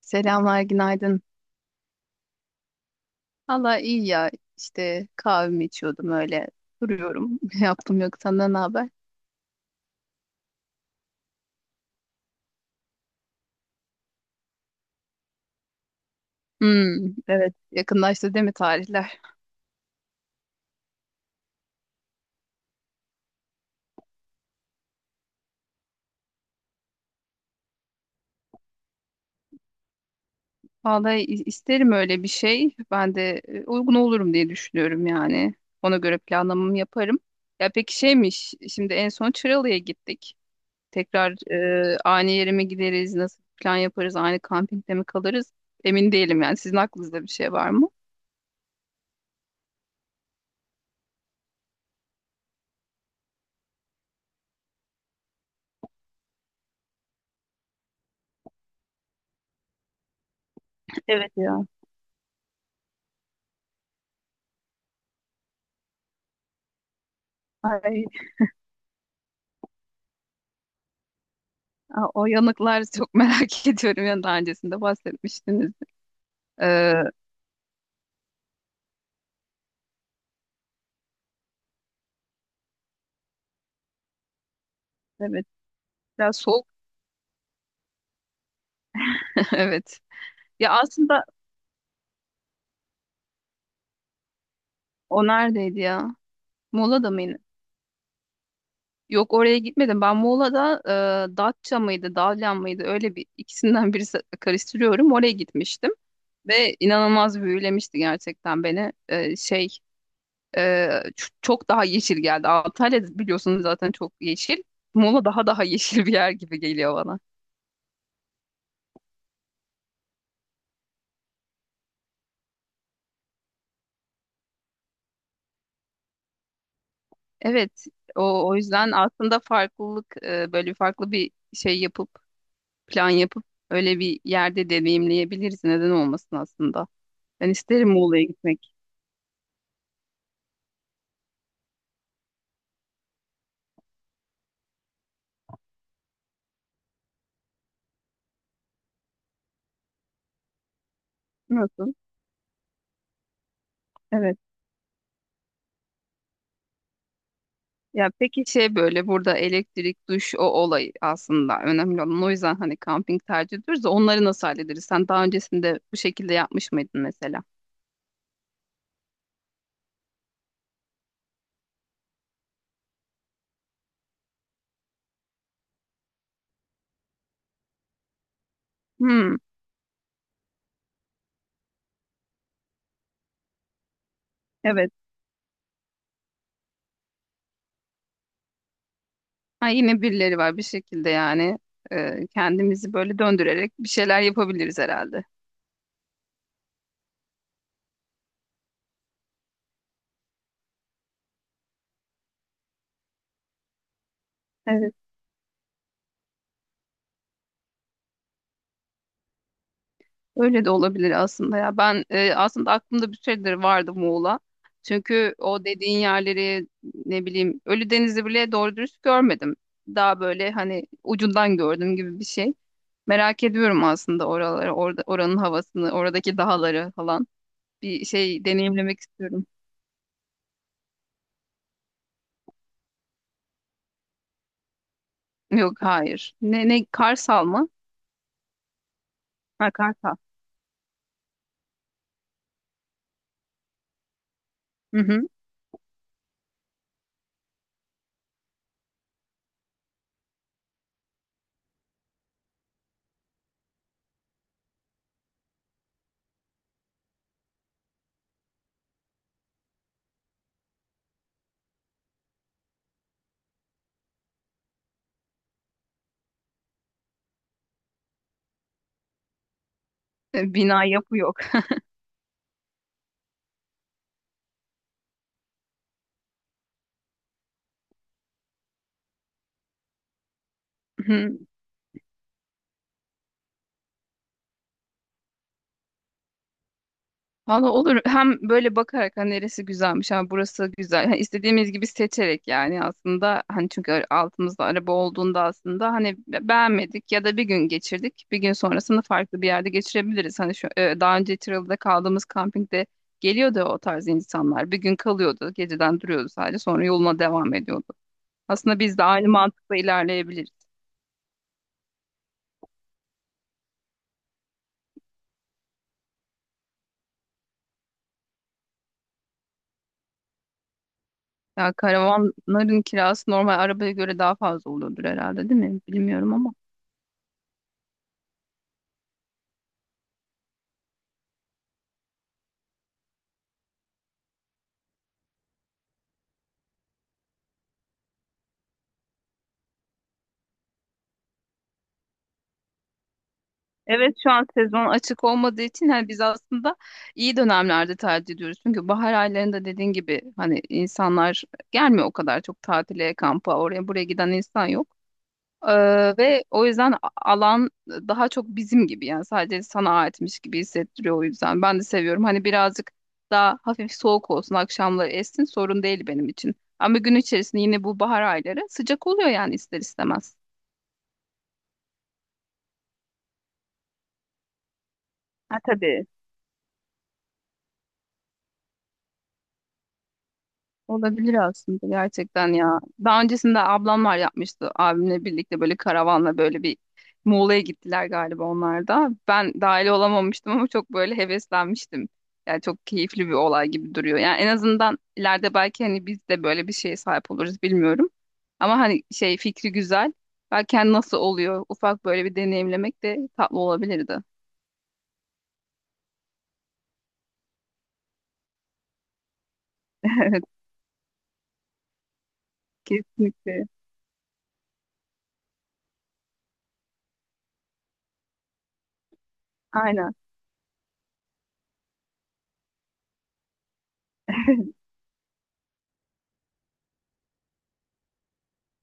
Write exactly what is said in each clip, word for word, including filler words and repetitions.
Selamlar, günaydın. Valla iyi ya. İşte kahvemi içiyordum öyle. Duruyorum. Ne yaptım yok. Senden ne haber? Hmm, evet. Yakınlaştı değil mi tarihler? Vallahi i- isterim öyle bir şey. Ben de e, uygun olurum diye düşünüyorum yani. Ona göre planlamamı yaparım. Ya peki şeymiş. Şimdi en son Çıralı'ya gittik. Tekrar e, aynı yere mi gideriz? Nasıl plan yaparız? Aynı kampingde mi kalırız? Emin değilim yani. Sizin aklınızda bir şey var mı? Evet ya. Ay. Aa, o yanıklar çok merak ediyorum. Yani daha öncesinde bahsetmiştiniz. Ee, evet. Biraz soğuk. Evet. Ya aslında o neredeydi ya? Muğla'da mıydı? Yok, oraya gitmedim. Ben Muğla'da, e, Datça mıydı, Dalyan mıydı? Öyle bir ikisinden birisi karıştırıyorum. Oraya gitmiştim ve inanılmaz büyülemişti gerçekten beni. Ee, şey Ee, ç- çok daha yeşil geldi. Antalya biliyorsunuz zaten çok yeşil. Muğla daha daha yeşil bir yer gibi geliyor bana. Evet, o o yüzden aslında farklılık, e, böyle farklı bir şey yapıp plan yapıp öyle bir yerde deneyimleyebiliriz. Neden olmasın aslında? Ben isterim Muğla'ya gitmek. Nasıl? Evet. Ya peki şey böyle burada elektrik, duş, o olay aslında önemli olan. O yüzden hani kamping tercih ediyoruz da onları nasıl hallederiz? Sen daha öncesinde bu şekilde yapmış mıydın mesela? Hmm, evet. Ha, yine birileri var bir şekilde yani, e, kendimizi böyle döndürerek bir şeyler yapabiliriz herhalde. Evet. Öyle de olabilir aslında ya. Ben, e, aslında aklımda bir süredir vardı Muğla. Çünkü o dediğin yerleri ne bileyim Ölüdeniz'i bile doğru dürüst görmedim. Daha böyle hani ucundan gördüm gibi bir şey. Merak ediyorum aslında oraları, orada, oranın havasını, oradaki dağları falan. Bir şey deneyimlemek istiyorum. Yok, hayır. Ne, ne, Karsal mı? Ha, Karsal. Hı hı. E, bina yapı yok. Valla olur. Hem böyle bakarak hani neresi güzelmiş, ha burası güzel. Hani istediğimiz gibi seçerek yani aslında hani çünkü altımızda araba olduğunda aslında hani be- beğenmedik ya da bir gün geçirdik. Bir gün sonrasını farklı bir yerde geçirebiliriz. Hani şu, e, daha önce Tiralı'da kaldığımız kampingde geliyordu o tarz insanlar. Bir gün kalıyordu, geceden duruyordu sadece, sonra yoluna devam ediyordu. Aslında biz de aynı mantıkla ilerleyebiliriz. Ya karavanların kirası normal arabaya göre daha fazla oluyordur herhalde, değil mi? Bilmiyorum ama. Evet, şu an sezon açık olmadığı için hani biz aslında iyi dönemlerde tatil ediyoruz. Çünkü bahar aylarında dediğin gibi hani insanlar gelmiyor o kadar çok, tatile, kampa, oraya buraya giden insan yok. Ee, ve o yüzden a- alan daha çok bizim gibi yani sadece sana aitmiş gibi hissettiriyor o yüzden. Ben de seviyorum hani birazcık daha hafif soğuk olsun, akşamları essin sorun değil benim için. Ama gün içerisinde yine bu bahar ayları sıcak oluyor yani ister istemez. Ha tabii. Olabilir aslında gerçekten ya. Daha öncesinde ablamlar yapmıştı abimle birlikte böyle karavanla böyle bir Muğla'ya gittiler galiba onlar da. Ben dahil olamamıştım ama çok böyle heveslenmiştim. Yani çok keyifli bir olay gibi duruyor. Yani en azından ileride belki hani biz de böyle bir şeye sahip oluruz bilmiyorum. Ama hani şey fikri güzel. Belki hani nasıl oluyor ufak böyle bir deneyimlemek de tatlı olabilirdi. Evet, kesinlikle. Aynen.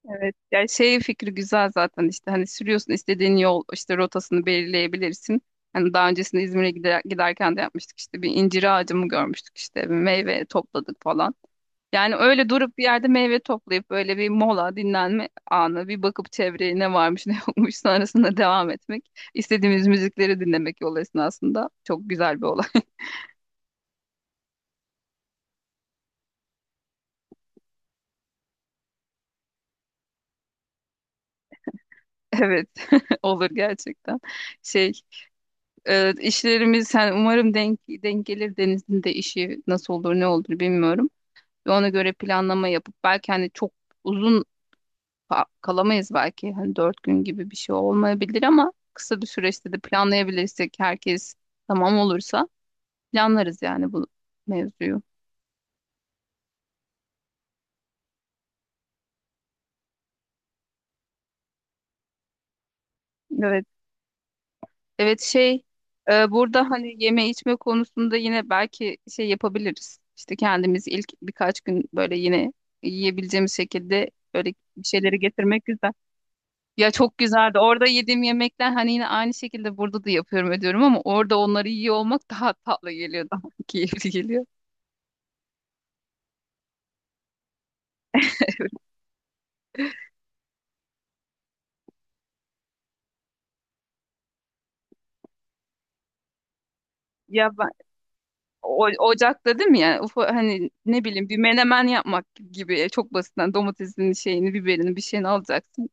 Evet. Yani şey fikri güzel zaten işte hani sürüyorsun istediğin yol işte rotasını belirleyebilirsin. Hani daha öncesinde İzmir'e gider, giderken de yapmıştık işte bir incir ağacı mı görmüştük işte, bir meyve topladık falan. Yani öyle durup bir yerde meyve toplayıp böyle bir mola, dinlenme anı, bir bakıp çevreye ne varmış ne yokmuş, sonrasında devam etmek. İstediğimiz müzikleri dinlemek yol esnasında çok güzel bir olay. Evet, olur gerçekten. Şey, Ee, işlerimiz yani umarım denk, denk gelir, Deniz'in de işi nasıl olur ne olur bilmiyorum. Ve ona göre planlama yapıp belki hani çok uzun ka- kalamayız, belki hani dört gün gibi bir şey olmayabilir ama kısa bir süreçte de planlayabilirsek herkes tamam olursa planlarız yani bu mevzuyu. Evet, evet şey, e, burada hani yeme içme konusunda yine belki şey yapabiliriz. İşte kendimiz ilk birkaç gün böyle yine yiyebileceğimiz şekilde böyle bir şeyleri getirmek güzel. Ya çok güzeldi. Orada yediğim yemekler hani yine aynı şekilde burada da yapıyorum ediyorum ama orada onları yiyor olmak daha tatlı geliyor, daha keyifli geliyor. Ya ben, o, ocakta değil mi yani, ufa, hani ne bileyim bir menemen yapmak gibi, e, çok basitten domatesin şeyini, biberini, bir şeyini alacaksın.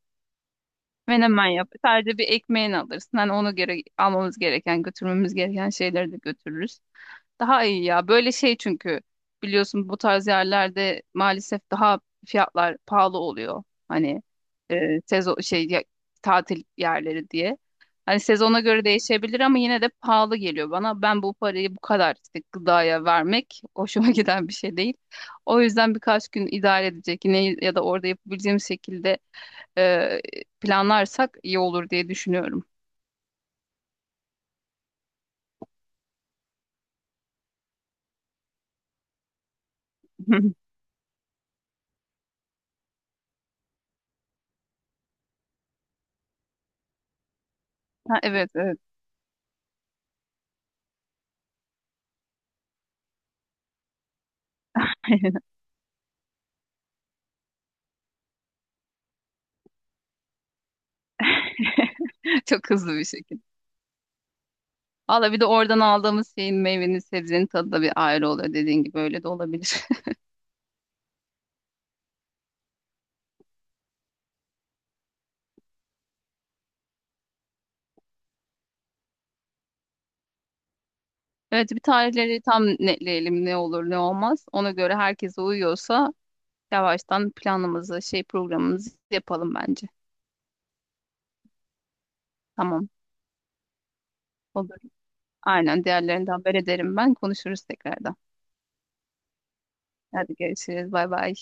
Menemen yap. Sadece bir ekmeğini alırsın. Hani ona göre almamız gereken, götürmemiz gereken şeyleri de götürürüz. Daha iyi ya. Böyle şey çünkü biliyorsun bu tarz yerlerde maalesef daha fiyatlar pahalı oluyor. Hani, e, sezon şey, ya- tatil yerleri diye. Hani sezona göre değişebilir ama yine de pahalı geliyor bana. Ben bu parayı bu kadar işte gıdaya vermek hoşuma giden bir şey değil. O yüzden birkaç gün idare edecek yine ya da orada yapabileceğim şekilde, e, planlarsak iyi olur diye düşünüyorum. Ha, evet evet. Çok hızlı bir şekilde. Valla bir de oradan aldığımız şeyin, meyvenin, sebzenin tadı da bir ayrı oluyor dediğin gibi, öyle de olabilir. Evet, bir tarihleri tam netleyelim, ne olur ne olmaz. Ona göre herkese uyuyorsa yavaştan planımızı, şey, programımızı yapalım bence. Tamam, olur. Aynen, diğerlerinden haber ederim ben, konuşuruz tekrardan. Hadi görüşürüz, bay bay.